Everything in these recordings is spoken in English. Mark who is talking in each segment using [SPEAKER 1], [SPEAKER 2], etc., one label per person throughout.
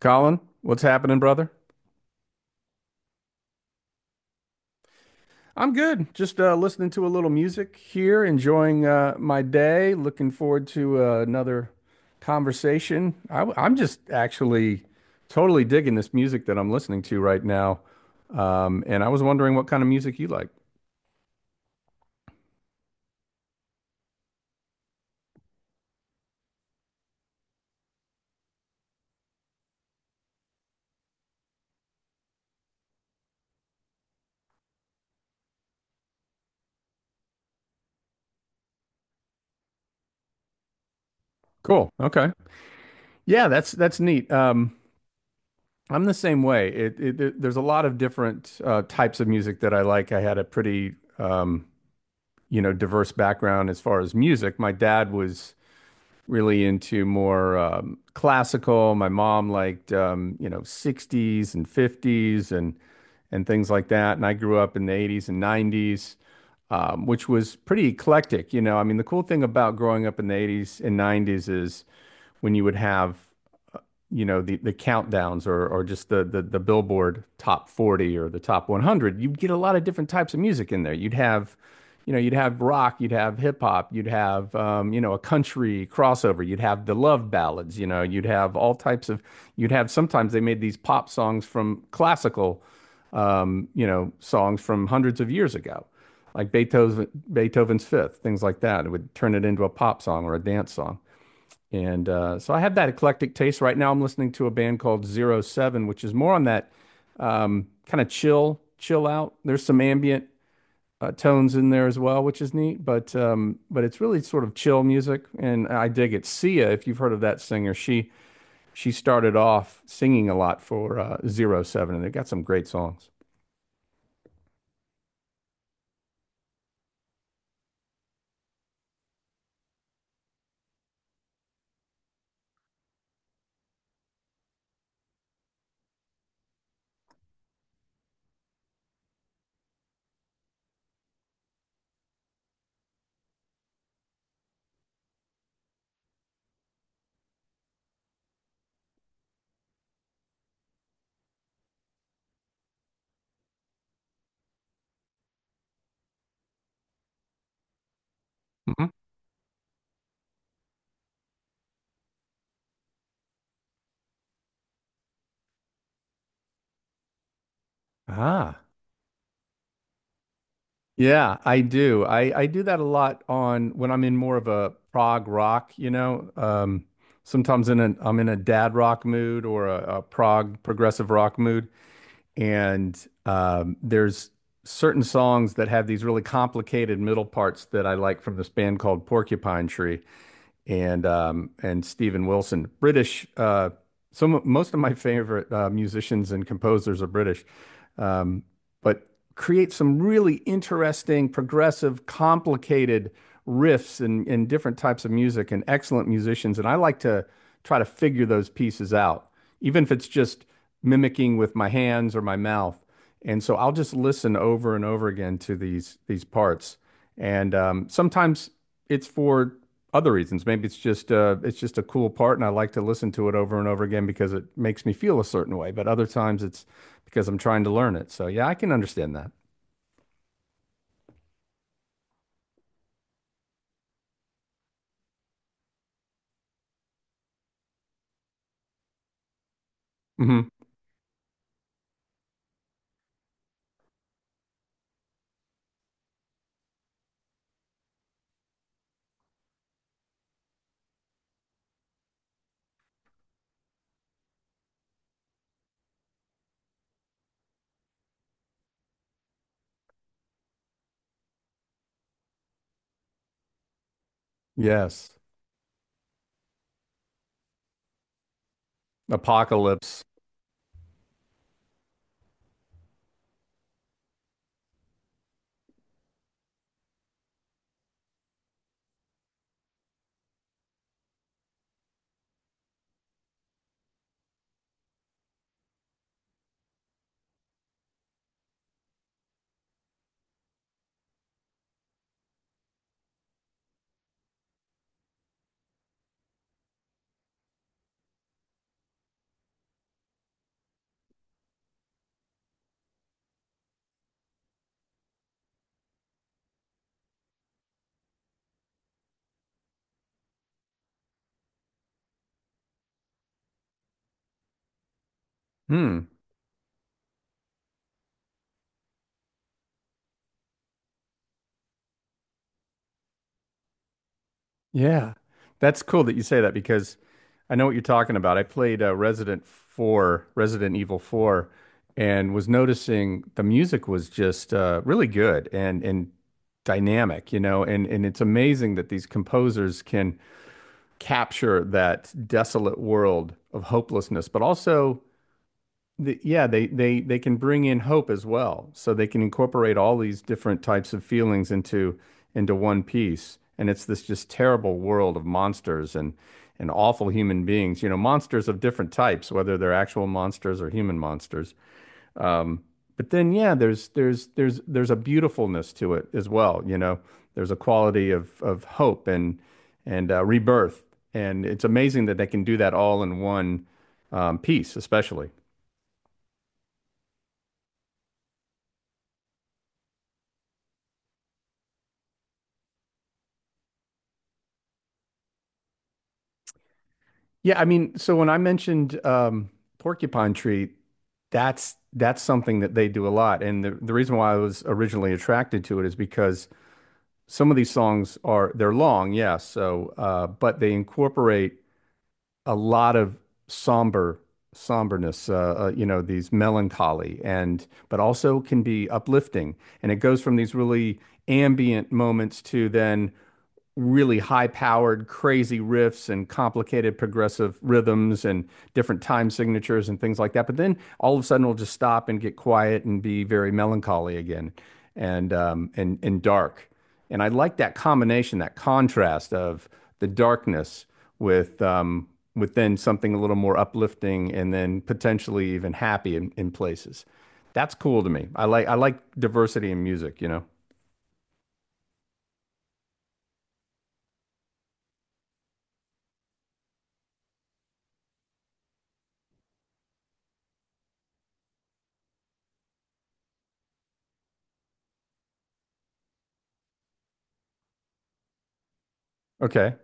[SPEAKER 1] Colin, what's happening, brother? I'm good. Just listening to a little music here, enjoying my day. Looking forward to another conversation. Am just actually totally digging this music that I'm listening to right now. And I was wondering what kind of music you like. Cool. Okay. Yeah, that's neat. I'm the same way. There's a lot of different types of music that I like. I had a pretty um, diverse background as far as music. My dad was really into more classical. My mom liked 60s and 50s and things like that. And I grew up in the 80s and 90s, which was pretty eclectic. You know, I mean, the cool thing about growing up in the 80s and 90s is when you would have the countdowns, or just the Billboard top 40 or the top 100. You'd get a lot of different types of music in there. You'd have, you'd have rock, you'd have hip hop, you'd have, a country crossover, you'd have the love ballads, you know, you'd have all types of, you'd have, sometimes they made these pop songs from classical, songs from hundreds of years ago, like Beethoven, Beethoven's Fifth, things like that. It would turn it into a pop song or a dance song. And so I have that eclectic taste. Right now, I'm listening to a band called Zero Seven, which is more on that kind of chill, chill out. There's some ambient tones in there as well, which is neat. But it's really sort of chill music, and I dig it. Sia, if you've heard of that singer, she started off singing a lot for Zero Seven, and they've got some great songs. Mhm. Ah. Yeah, I do. I do that a lot on when I'm in more of a prog rock, you know. Sometimes in an I'm in a dad rock mood or a prog progressive rock mood, and there's certain songs that have these really complicated middle parts that I like, from this band called Porcupine Tree, and Stephen Wilson. British. Some Most of my favorite musicians and composers are British, um, but create some really interesting, progressive, complicated riffs and different types of music and excellent musicians. And I like to try to figure those pieces out, even if it's just mimicking with my hands or my mouth. And so I'll just listen over and over again to these parts. And sometimes it's for other reasons. Maybe it's just a cool part, and I like to listen to it over and over again because it makes me feel a certain way. But other times it's because I'm trying to learn it. So yeah, I can understand that. Hmm. Yes. Apocalypse. Hmm. Yeah, that's cool that you say that because I know what you're talking about. I played Resident Evil 4, and was noticing the music was just really good and dynamic, you know, and it's amazing that these composers can capture that desolate world of hopelessness, but also yeah, they can bring in hope as well. So they can incorporate all these different types of feelings into one piece. And it's this just terrible world of monsters and awful human beings. You know, monsters of different types, whether they're actual monsters or human monsters. Um, but then, yeah, there's a beautifulness to it as well. You know, there's a quality of hope and rebirth. And it's amazing that they can do that all in one piece, especially. Yeah, I mean, so when I mentioned porcupine tree, that's something that they do a lot, and the reason why I was originally attracted to it is because some of these songs are, they're long, yes, so but they incorporate a lot of somber somberness, you know, these melancholy, and but also can be uplifting, and it goes from these really ambient moments to then really high-powered, crazy riffs and complicated progressive rhythms and different time signatures and things like that. But then all of a sudden, we will just stop and get quiet and be very melancholy again and and dark. And I like that combination, that contrast of the darkness with um, with then something a little more uplifting and then potentially even happy in places. That's cool to me. I like diversity in music, you know. Okay.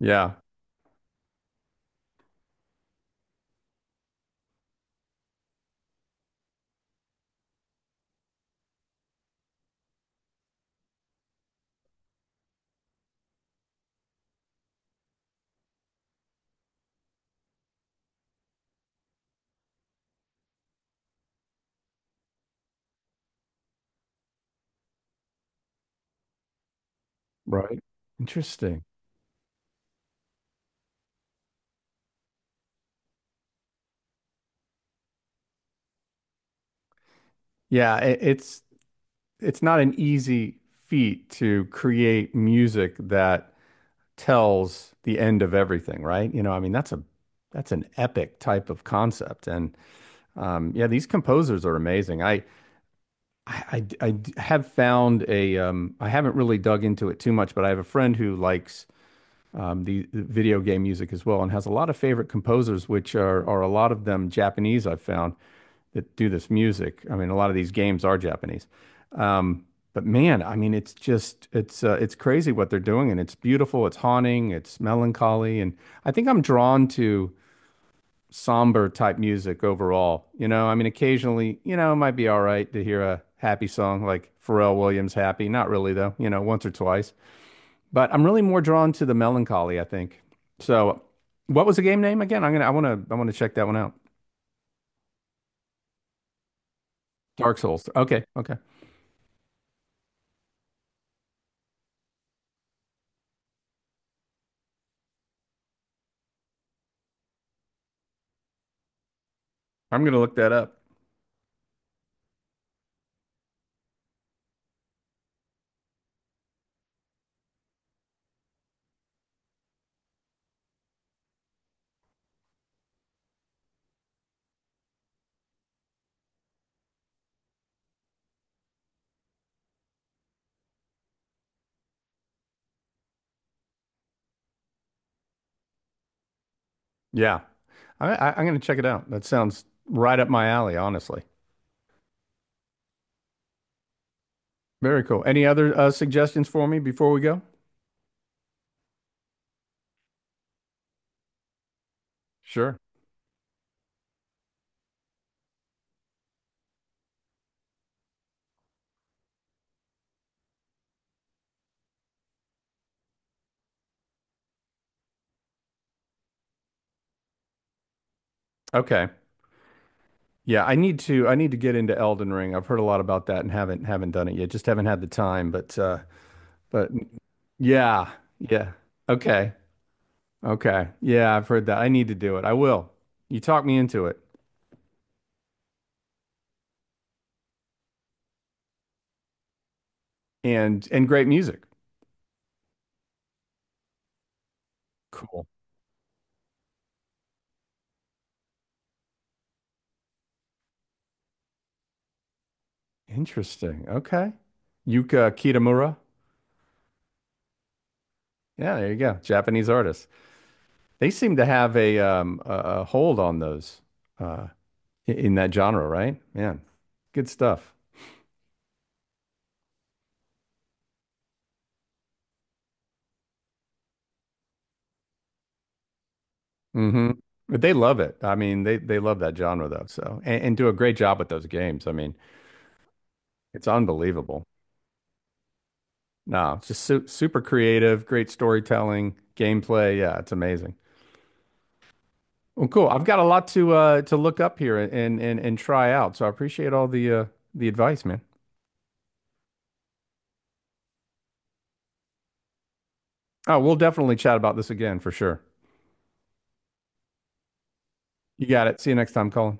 [SPEAKER 1] Yeah. Right. Interesting. Yeah, it's not an easy feat to create music that tells the end of everything, right? You know, I mean, that's an epic type of concept, and yeah, these composers are amazing. Have found a I haven't really dug into it too much, but I have a friend who likes the video game music as well, and has a lot of favorite composers, which are a lot of them Japanese, I've found, that do this music. I mean, a lot of these games are Japanese. Um, but man, I mean, it's just it's crazy what they're doing, and it's beautiful, it's haunting, it's melancholy, and I think I'm drawn to somber type music overall. You know, I mean, occasionally, you know, it might be all right to hear a happy song like Pharrell Williams' "Happy." Not really though, you know, once or twice. But I'm really more drawn to the melancholy, I think. So, what was the game name again? I wanna check that one out. Dark Souls. Okay, okay. I'm gonna look that up. Yeah. I'm going to check it out. That sounds right up my alley, honestly. Very cool. Any other suggestions for me before we go? Sure. Okay. Yeah, I need to get into Elden Ring. I've heard a lot about that and haven't done it yet. Just haven't had the time, but yeah. Yeah. Okay. Okay. Yeah, I've heard that. I need to do it. I will. You talk me into it. And great music. Cool. Interesting. Okay. Yuka Kitamura. Yeah, there you go. Japanese artist. They seem to have a hold on those uh in that genre, right? Man, good stuff. Hmm. But they love it. I mean, they love that genre though. So and do a great job with those games. I mean, it's unbelievable. No, it's just su super creative, great storytelling, gameplay. Yeah, it's amazing. Well, cool. I've got a lot to look up here and and try out. So I appreciate all the advice, man. Oh, we'll definitely chat about this again for sure. You got it. See you next time, Colin.